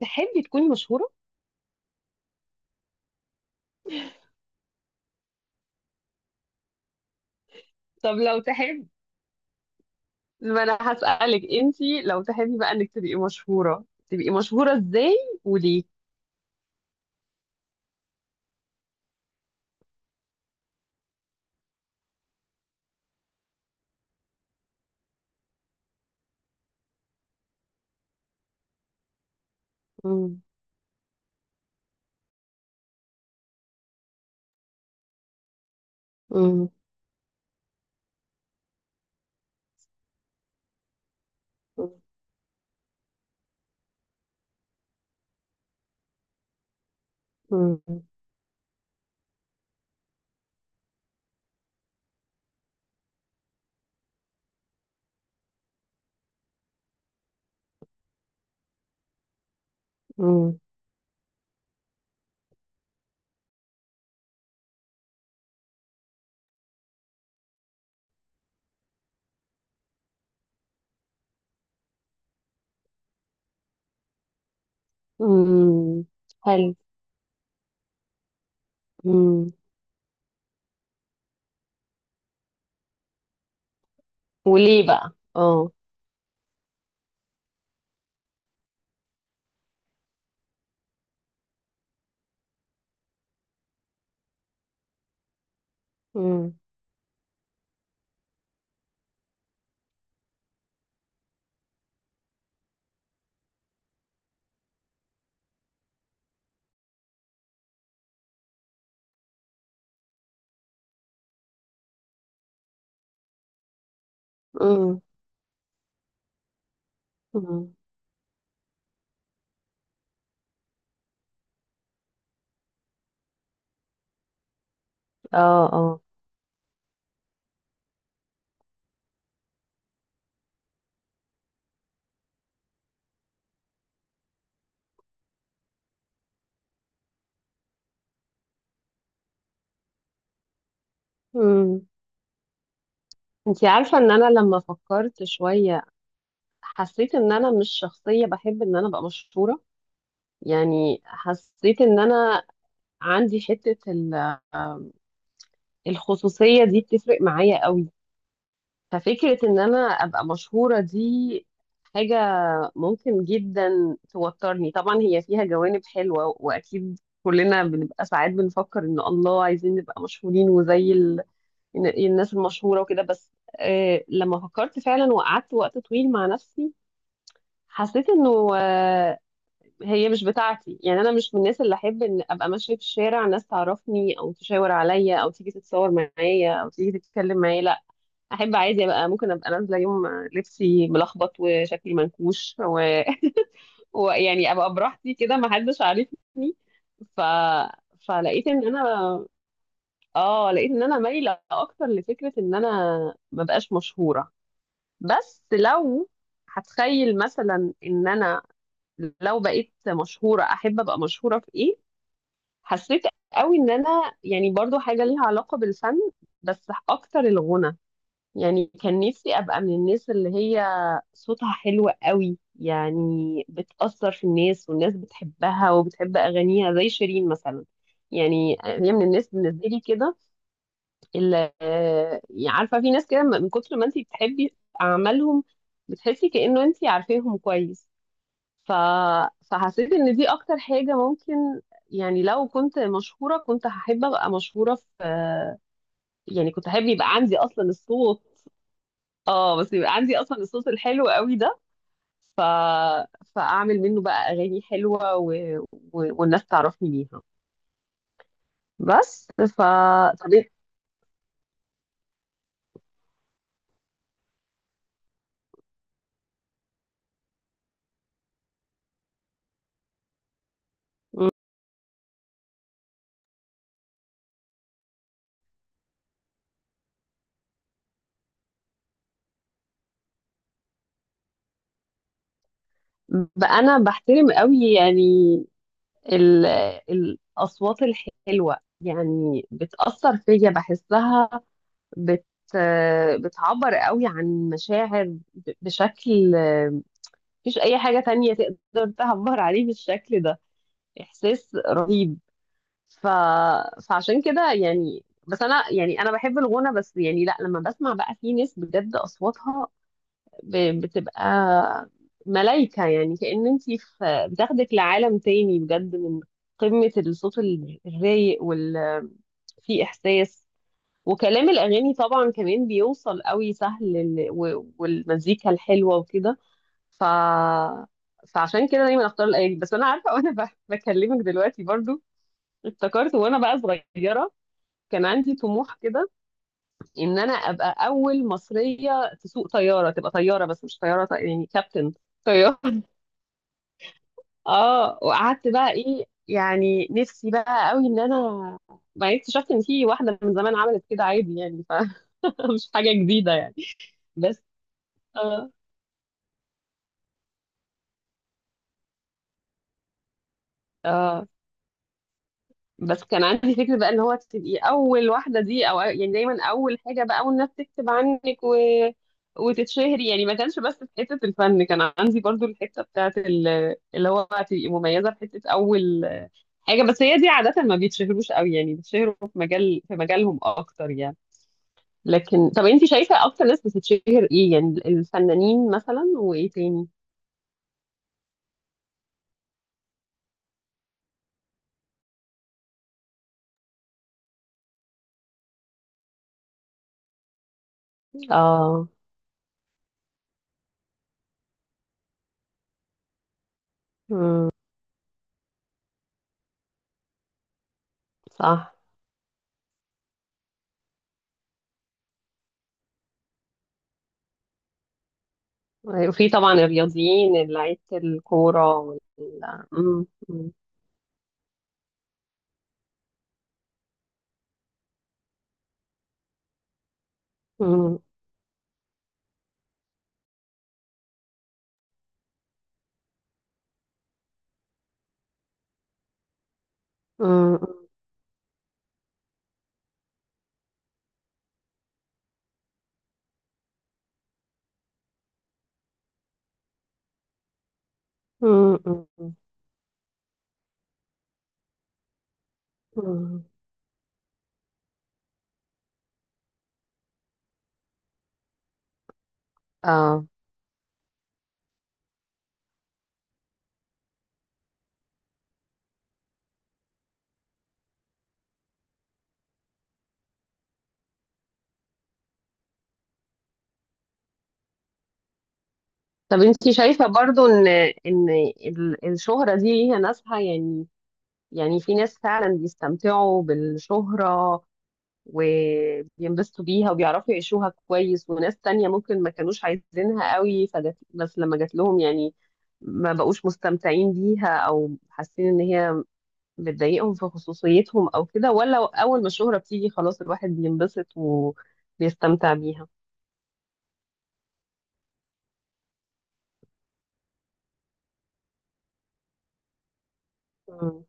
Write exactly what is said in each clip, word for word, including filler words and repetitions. تحبي تكوني مشهورة؟ طب لو تحبي ما انا هسألك انتي لو تحبي بقى انك تبقي مشهورة، تبقي مشهورة ازاي وليه؟ مم. مم. مم. مم. مم. حلو. مم. وليه بقى؟ اه. مم. مم. مم. اه، اه. مم. انتي عارفة ان انا لما فكرت شوية حسيت ان انا مش شخصية بحب ان انا ابقى مشهورة، يعني حسيت ان انا عندي حتة ال الخصوصية دي بتفرق معايا قوي، ففكرة ان انا ابقى مشهورة دي حاجة ممكن جدا توترني. طبعا هي فيها جوانب حلوة، واكيد كلنا بنبقى ساعات بنفكر ان الله عايزين نبقى مشهورين، وزي ال... إن- الناس المشهورة وكده، بس آه لما فكرت فعلا وقعدت وقت طويل مع نفسي حسيت انه آه هي مش بتاعتي. يعني انا مش من الناس اللي احب ان ابقى ماشية في الشارع ناس تعرفني او تشاور عليا او تيجي تتصور معايا او تيجي تتكلم معايا، لا، احب عادي ابقى ممكن ابقى نازله يوم لبسي ملخبط وشكلي منكوش و... ويعني ابقى براحتي كده، ما حدش عارفني. ف... فلقيت ان انا اه لقيت ان انا مايله اكتر لفكره ان انا ما بقاش مشهوره. بس لو هتخيل مثلا ان انا لو بقيت مشهوره، احب ابقى مشهوره في ايه؟ حسيت قوي ان انا يعني برضو حاجه ليها علاقه بالفن، بس اكتر الغنى. يعني كان نفسي ابقى من الناس اللي هي صوتها حلو قوي، يعني بتأثر في الناس والناس بتحبها وبتحب اغانيها زي شيرين مثلا. يعني هي من الناس بالنسبه لي كده، اللي آه، عارفه في ناس كده من كتر ما انت بتحبي اعمالهم بتحسي كأنه انت عارفاهم كويس. ف... فحسيت ان دي اكتر حاجه ممكن، يعني لو كنت مشهوره كنت هحب ابقى مشهوره في يعني كنت احب يبقى عندي اصلا الصوت. اه، بس يبقى عندي اصلا الصوت الحلو قوي ده، ف... فاعمل منه بقى اغاني حلوه و... و... والناس تعرفني بيها، بس ف طب إيه؟ بقى انا بحترم قوي يعني ال... الاصوات الحلوه، يعني بتاثر فيا بحسها، بت بتعبر قوي عن مشاعر ب- بشكل مفيش اي حاجه تانية تقدر تعبر عليه بالشكل ده، احساس رهيب. ف... فعشان كده يعني، بس انا يعني انا بحب الغنى. بس يعني، لا، لما بسمع بقى في ناس بجد اصواتها ب... بتبقى ملايكة، يعني كأن انتي في بتاخدك لعالم تاني بجد من قمة الصوت ال- الرايق وال في احساس، وكلام الاغاني طبعا كمان بيوصل قوي سهل لل... و... والمزيكا الحلوة وكده. ف فعشان كده دايما اختار الاغاني. بس انا عارفه وانا ب- بكلمك دلوقتي برضو، افتكرت وانا بقى صغيره كان عندي طموح كده ان انا ابقى اول مصريه تسوق طياره، تبقى طياره، بس مش طياره طي- يعني كابتن طياره. اه، وقعدت بقى، ايه يعني نفسي بقى قوي. ان انا بعدين اكتشفت ان في واحده من زمان عملت كده عادي، يعني فمش حاجه جديده يعني. بس اه، اه، بس كان عندي فكرة بقى اللي هو تبقي أول واحدة دي، أو يعني دايما أول حاجة بقى، والناس تكتب عنك و... وتتشهري. يعني ما كانش بس في حتة الفن، كان عندي برضو الحتة بتاعت ال... اللي هو تبقي مميزة في حتة أول حاجة. بس هي دي عادة ما بيتشهروش قوي، يعني بيتشهروا في مجال في مجالهم أكتر يعني. لكن طب أنت شايفة أكتر ناس بتتشهر إيه؟ يعني الفنانين مثلا وإيه تاني؟ آه. مم. صح. أيوة، وفي طبعا الرياضيين اللي لعيبة الكورة وال مم، مم، مم، مم، مم، مم، مم. اه. طب انت شايفة برضو ان ان ال- الشهرة دي ليها ناسها يعني، يعني في ناس فعلا بيستمتعوا بالشهرة وبينبسطوا بيها وبيعرفوا يعيشوها كويس، وناس تانية ممكن ما كانوش عايزينها قوي فجت، بس لما جات لهم يعني ما بقوش مستمتعين بيها او حاسين ان هي بتضايقهم في خصوصيتهم او كده، ولا اول ما الشهرة بتيجي خلاص الواحد بينبسط وبيستمتع بيها؟ مم.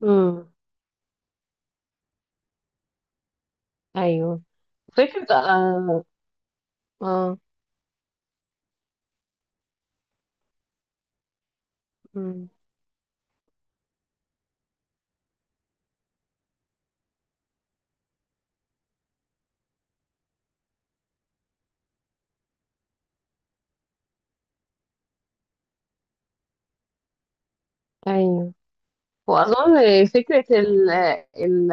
مم. ايوه. فكرة آه. آه. مم. ايوه. واظن فكرة ال ال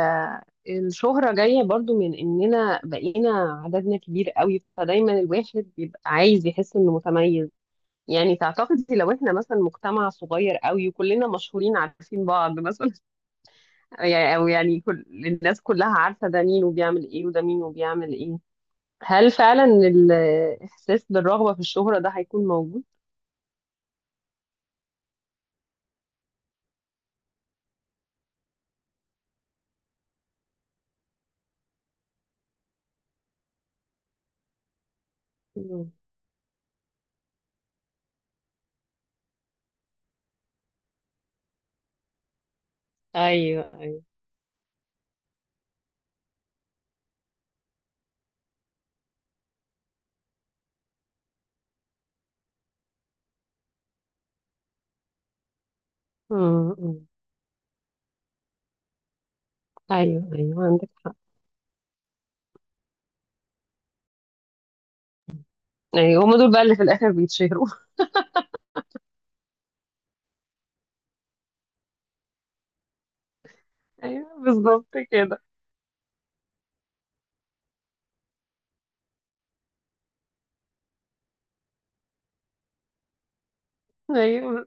الشهرة جاية برضو من اننا بقينا عددنا كبير قوي، فدايما الواحد بيبقى عايز يحس انه متميز. يعني تعتقدي لو احنا مثلا مجتمع صغير قوي وكلنا مشهورين عارفين بعض مثلا، يعني او يعني كل الناس كلها عارفه ده مين وبيعمل ايه وده مين وبيعمل ايه، هل فعلا الاحساس بالرغبه في الشهره ده هيكون موجود؟ مم. ايوه، ايوه. مم، مم. ايوه، ايوه، عندك حق. ايوه، هم دول بقى اللي في الاخر بيتشهروا. ايوه، بالظبط كده. ايوه،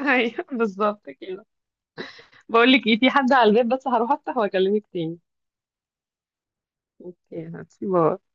ايوه، بالظبط كده. بقول لك ايه، في حد على الباب بس، هروح افتح واكلمك تاني. اوكي، هاتي، باي.